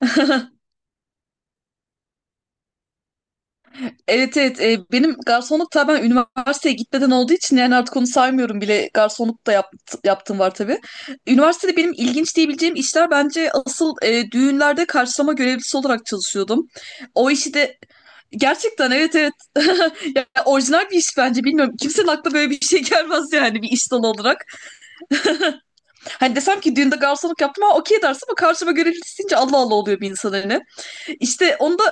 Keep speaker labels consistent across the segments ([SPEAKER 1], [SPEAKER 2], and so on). [SPEAKER 1] Evet, evet, benim garsonluk, tabii ben üniversiteye gitmeden olduğu için yani artık onu saymıyorum bile, garsonluk da yaptığım var tabii. Üniversitede benim ilginç diyebileceğim işler bence asıl düğünlerde karşılama görevlisi olarak çalışıyordum. O işi de gerçekten, evet, evet. Ya, orijinal bir iş bence, bilmiyorum kimsenin aklına böyle bir şey gelmez yani bir iş dalı olarak. Hani desem ki düğünde garsonluk yaptım ama okey dersin, ama karşıma görevlisi deyince Allah Allah oluyor bir insan hani. İşte onu da...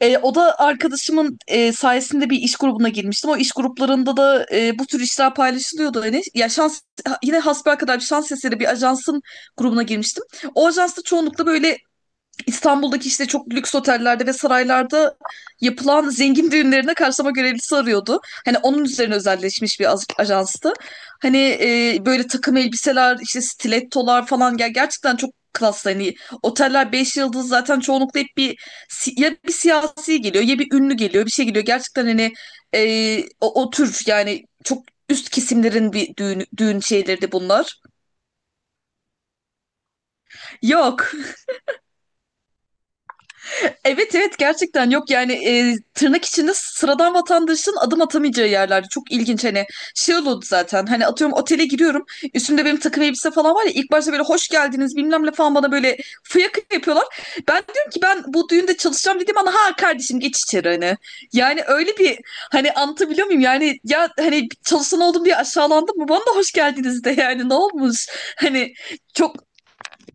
[SPEAKER 1] O da arkadaşımın sayesinde bir iş grubuna girmiştim. O iş gruplarında da bu tür işler paylaşılıyordu. Yani, ya şans, yine hasbelkader bir şans eseri bir ajansın grubuna girmiştim. O ajansta çoğunlukla böyle İstanbul'daki işte çok lüks otellerde ve saraylarda yapılan zengin düğünlerine karşılama görevlisi arıyordu. Hani onun üzerine özelleşmiş bir ajanstı. Hani böyle takım elbiseler, işte stilettolar falan, gel, gerçekten çok klas hani, oteller 5 yıldız zaten çoğunlukla, hep bir ya bir siyasi geliyor, ya bir ünlü geliyor, bir şey geliyor gerçekten hani, o tür yani çok üst kesimlerin bir düğün şeyleri de bunlar. Yok. Evet, evet, gerçekten yok yani, tırnak içinde sıradan vatandaşın adım atamayacağı yerler, çok ilginç hani. Şey oldu zaten, hani atıyorum, otele giriyorum, üstümde benim takım elbise falan var ya, ilk başta böyle hoş geldiniz bilmem ne falan bana, böyle fıyaka yapıyorlar. Ben diyorum ki ben bu düğünde çalışacağım dedim, ana ha, kardeşim geç içeri hani. Yani öyle bir... Hani anlatabiliyor muyum yani, ya hani çalışan oldum diye aşağılandım mı, bana da hoş geldiniz de yani, ne olmuş hani. Çok...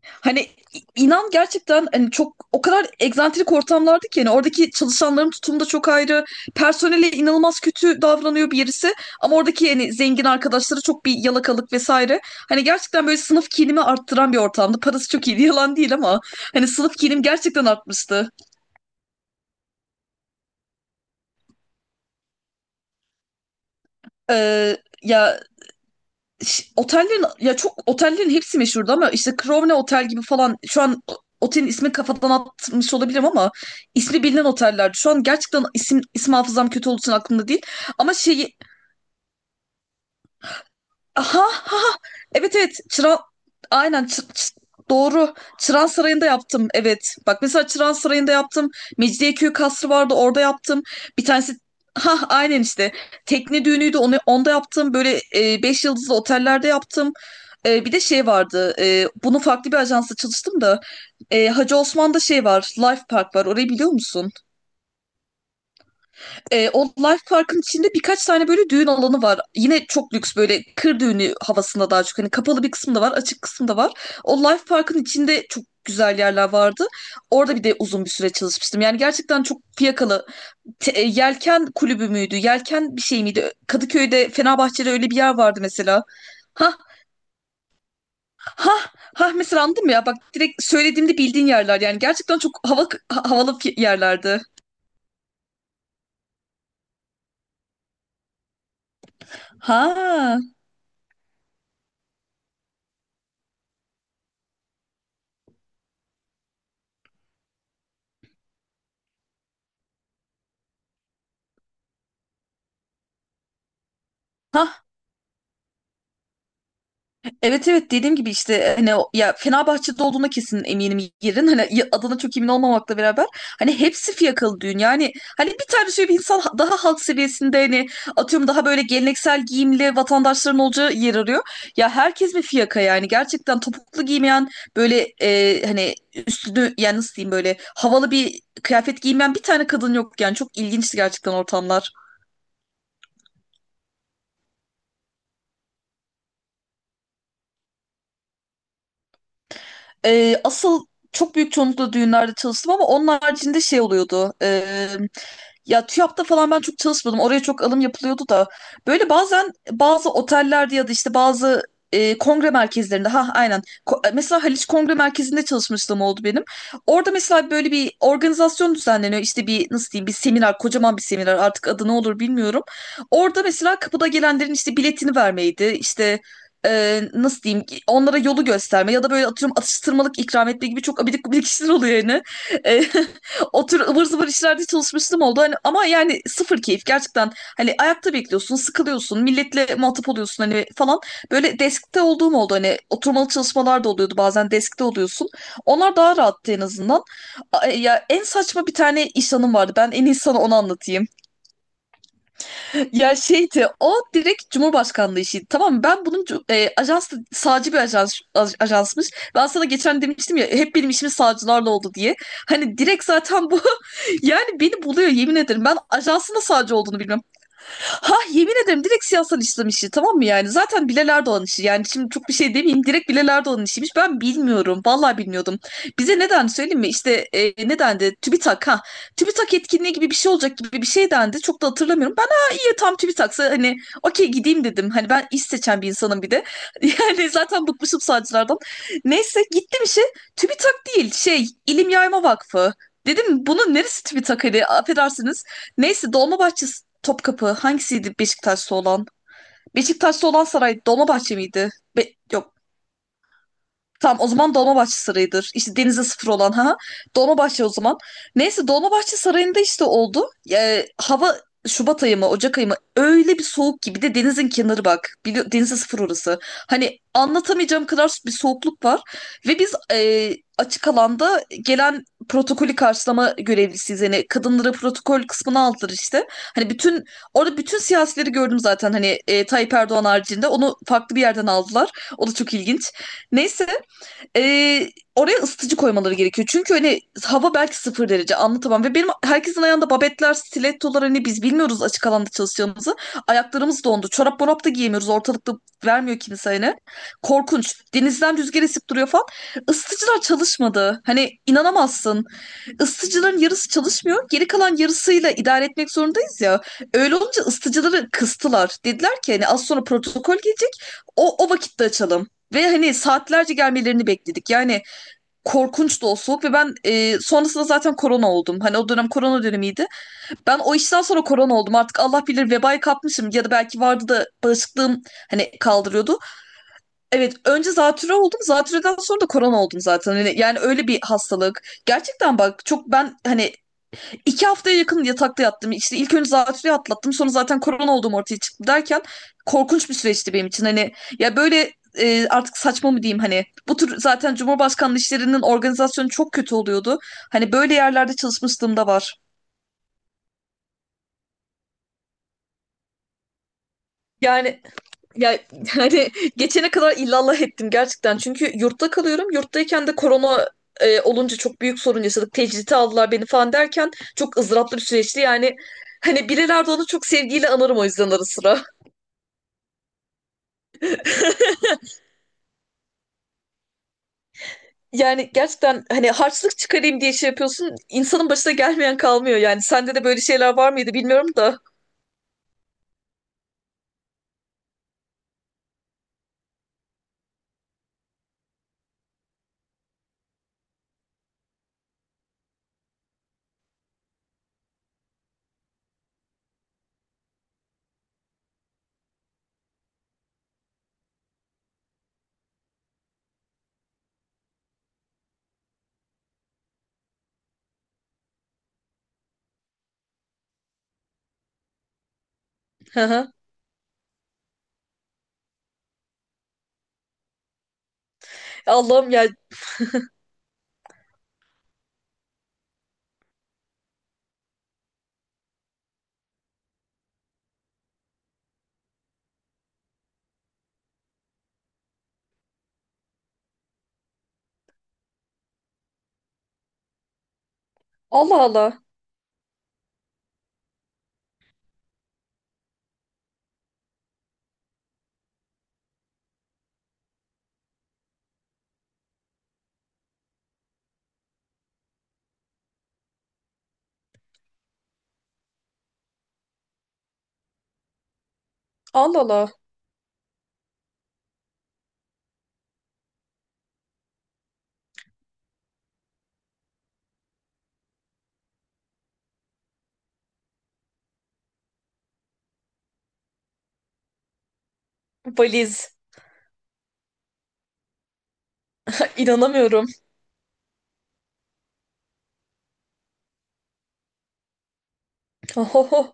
[SPEAKER 1] Hani inan gerçekten, hani çok o kadar egzantrik ortamlardı ki yani, oradaki çalışanların tutumu da çok ayrı. Personele inanılmaz kötü davranıyor birisi, ama oradaki yani zengin arkadaşları çok bir yalakalık vesaire. Hani gerçekten böyle sınıf kinimi arttıran bir ortamdı. Parası çok iyiydi yalan değil, ama hani sınıf kinim gerçekten artmıştı. Ee, ya... Otellerin, ya çok, otellerin hepsi meşhurdu ama işte Crowne Otel gibi falan, şu an otelin ismini kafadan atmış olabilirim ama ismi bilinen otellerdi. Şu an gerçekten isim isim, hafızam kötü olduğu için aklımda değil. Ama şeyi... Ha ha. Ha. Evet, evet. Çıran... Aynen, doğru. Çıran Sarayı'nda yaptım. Evet. Bak, mesela Çıran Sarayı'nda yaptım. Mecidiyeköy Kasrı vardı, orada yaptım. Bir tanesi, ha aynen işte, tekne düğünüydü, onu onda yaptım. Böyle 5 yıldızlı otellerde yaptım. Bir de şey vardı. Bunun farklı bir ajansla çalıştım da. Hacı Osman'da şey var, Life Park var. Orayı biliyor musun? O Life Park'ın içinde birkaç tane böyle düğün alanı var. Yine çok lüks, böyle kır düğünü havasında daha çok. Hani kapalı bir kısım da var, açık kısım da var. O Life Park'ın içinde çok güzel yerler vardı. Orada bir de uzun bir süre çalışmıştım. Yani gerçekten çok fiyakalı. Yelken kulübü müydü? Yelken bir şey miydi? Kadıköy'de, Fenerbahçe'de öyle bir yer vardı mesela. Ha, ha, ha, mesela anladın mı ya? Bak, direkt söylediğimde bildiğin yerler yani, gerçekten çok hava havalı yerlerdi. Ha. Evet, evet, dediğim gibi işte hani ya Fenerbahçe'de olduğuna kesin eminim yerin, hani adına çok emin olmamakla beraber, hani hepsi fiyakalı düğün yani. Hani bir tane şöyle bir insan daha halk seviyesinde, hani atıyorum daha böyle geleneksel giyimli vatandaşların olacağı yer arıyor, ya herkes bir fiyaka yani, gerçekten topuklu giymeyen, böyle hani üstünü yani nasıl diyeyim, böyle havalı bir kıyafet giymeyen bir tane kadın yok yani, çok ilginçti gerçekten ortamlar. Asıl çok büyük çoğunlukla düğünlerde çalıştım ama onun haricinde şey oluyordu. Ya TÜYAP'ta falan ben çok çalışmadım, oraya çok alım yapılıyordu da. Böyle bazen bazı otellerde ya da işte bazı kongre merkezlerinde. Ha aynen. Mesela Haliç Kongre Merkezi'nde çalışmışlığım oldu benim. Orada mesela böyle bir organizasyon düzenleniyor. İşte bir nasıl diyeyim, bir seminer, kocaman bir seminer, artık adı ne olur bilmiyorum. Orada mesela kapıda gelenlerin işte biletini vermeydi, İşte nasıl diyeyim ki, onlara yolu gösterme ya da böyle atıyorum atıştırmalık ikram etme gibi çok abidik gubidik işler oluyor yani. E, O tür ıvır zıvır işlerde çalışmıştım oldu. Hani, ama yani sıfır keyif gerçekten. Hani ayakta bekliyorsun, sıkılıyorsun, milletle muhatap oluyorsun hani falan. Böyle deskte olduğum oldu, hani oturmalı çalışmalar da oluyordu, bazen deskte oluyorsun. Onlar daha rahattı en azından. Ya en saçma bir tane iş anım vardı. Ben en iyi sana onu anlatayım. Ya şeydi, o direkt Cumhurbaşkanlığı işiydi. Tamam mı? Ben bunun ajans sağcı bir ajans, ajansmış. Ben sana geçen demiştim ya, hep benim işim sağcılarla oldu diye. Hani direkt zaten bu, yani, beni buluyor yemin ederim. Ben ajansın da sağcı olduğunu bilmiyorum. Ha, yemin ederim, direkt siyasal İslam işi tamam mı yani? Zaten Bilal Erdoğan işi yani, şimdi çok bir şey demeyeyim, direkt Bilal Erdoğan işiymiş. Ben bilmiyorum, vallahi bilmiyordum. Bize neden söyleyeyim mi? İşte, ne dendi? TÜBİTAK, ha. TÜBİTAK etkinliği gibi bir şey olacak gibi bir şey dendi. Çok da hatırlamıyorum. Ben, ha, iyi, tam TÜBİTAK'sa hani okey, gideyim dedim. Hani ben iş seçen bir insanım bir de. Yani zaten bıkmışım sağcılardan. Neyse, gittim işe. TÜBİTAK değil, şey, İlim Yayma Vakfı. Dedim bunun neresi TÜBİTAK hani, affedersiniz. Neyse, Dolmabahçe, Topkapı, hangisiydi Beşiktaş'ta olan? Beşiktaş'ta olan saray Dolmabahçe miydi? Yok. Tamam, o zaman Dolmabahçe Sarayı'dır. İşte denize sıfır olan, ha. Dolmabahçe o zaman. Neyse Dolmabahçe Sarayı'nda işte oldu. Hava... Şubat ayı mı, Ocak ayı mı, öyle bir soğuk ki, bir de denizin kenarı bak. Denize sıfır orası. Hani anlatamayacağım kadar bir soğukluk var. Ve biz, açık alanda gelen protokolü karşılama görevlisiyiz. Yani kadınlara protokol kısmını aldılar işte. Hani bütün, orada bütün siyasileri gördüm zaten hani, Tayyip Erdoğan haricinde, onu farklı bir yerden aldılar. O da çok ilginç. Neyse, ee, oraya ısıtıcı koymaları gerekiyor. Çünkü hani hava belki 0 derece, anlatamam. Ve benim herkesin ayağında babetler, stilettolar, hani biz bilmiyoruz açık alanda çalışacağımızı. Ayaklarımız dondu. Çorap morap da giyemiyoruz. Ortalıkta vermiyor kimse hani. Korkunç. Denizden rüzgar esip duruyor falan. Isıtıcılar çalışmadı. Hani inanamazsın, ısıtıcıların yarısı çalışmıyor, geri kalan yarısıyla idare etmek zorundayız ya. Öyle olunca ısıtıcıları kıstılar. Dediler ki hani az sonra protokol gelecek, o vakitte açalım. Ve hani saatlerce gelmelerini bekledik. Yani korkunç da o soğuk, ve ben sonrasında zaten korona oldum. Hani o dönem korona dönemiydi. Ben o işten sonra korona oldum. Artık Allah bilir vebayı kapmışım, ya da belki vardı da bağışıklığım hani kaldırıyordu. Evet, önce zatürre oldum. Zatürreden sonra da korona oldum zaten. Hani, yani öyle bir hastalık. Gerçekten bak çok ben hani... 2 haftaya yakın yatakta yattım. İşte ilk önce zatürreyi atlattım, sonra zaten korona olduğum ortaya çıktı derken, korkunç bir süreçti benim için. Hani, ya böyle, artık saçma mı diyeyim hani, bu tür zaten Cumhurbaşkanlığı işlerinin organizasyonu çok kötü oluyordu. Hani böyle yerlerde çalışmışlığım da var. Yani, ya, hani geçene kadar illallah ettim gerçekten. Çünkü yurtta kalıyorum. Yurttayken de korona olunca çok büyük sorun yaşadık. Tecridi aldılar beni falan derken, çok ızdıraplı bir süreçti. Yani hani birilerde onu çok sevgiyle anarım o yüzden ara sıra. Yani gerçekten, hani harçlık çıkarayım diye şey yapıyorsun, insanın başına gelmeyen kalmıyor yani. Sende de böyle şeyler var mıydı bilmiyorum da. Hı hı. Allah'ım ya. Allah Allah. Allah Allah. Valiz. İnanamıyorum. Ohoho.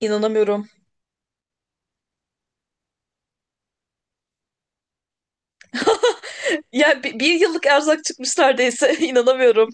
[SPEAKER 1] İnanamıyorum. Ya, bir yıllık erzak çıkmış neredeyse. İnanamıyorum.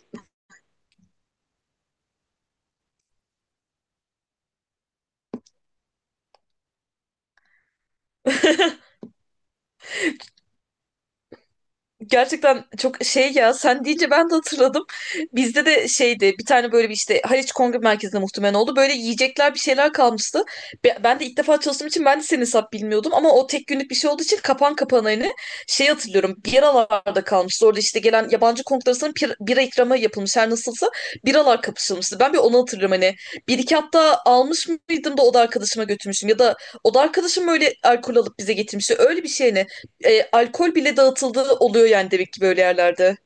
[SPEAKER 1] Gerçekten çok şey ya, sen deyince ben de hatırladım. Bizde de şeydi, bir tane böyle bir işte Haliç Kongre Merkezi'nde muhtemelen oldu. Böyle yiyecekler, bir şeyler kalmıştı. Ben de ilk defa çalıştığım için, ben de senin hesap bilmiyordum. Ama o tek günlük bir şey olduğu için kapan kapana hani, şey hatırlıyorum, biralarda kalmıştı. Orada işte gelen yabancı konuk arasında bira ikramı yapılmış her nasılsa. Biralar kapışılmıştı. Ben bir onu hatırlıyorum hani. Bir iki hatta almış mıydım da oda arkadaşıma götürmüşüm. Ya da oda arkadaşım öyle alkol alıp bize getirmişti. Öyle bir şey ne? Alkol bile dağıtıldığı oluyor yani, demek ki böyle yerlerde.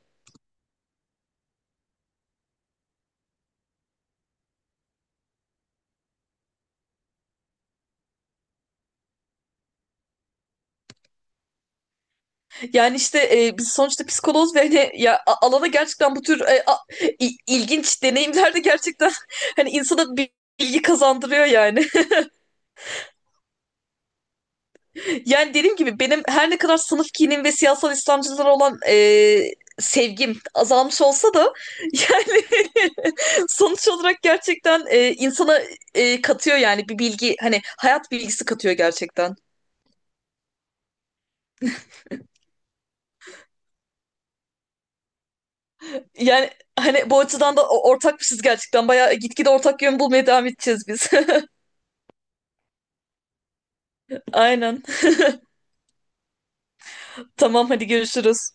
[SPEAKER 1] Yani işte, biz sonuçta psikoloz ve hani, ya alana gerçekten, bu tür ilginç deneyimler de gerçekten hani insana bir bilgi kazandırıyor yani. Yani dediğim gibi benim, her ne kadar sınıf kinim ve siyasal İslamcılara olan sevgim azalmış olsa da, yani, sonuç olarak gerçekten insana katıyor yani, bir bilgi, hani, hayat bilgisi katıyor gerçekten. Yani hani bu açıdan da ortakmışız gerçekten. Bayağı gitgide ortak yön bulmaya devam edeceğiz biz. Aynen. Tamam, hadi görüşürüz.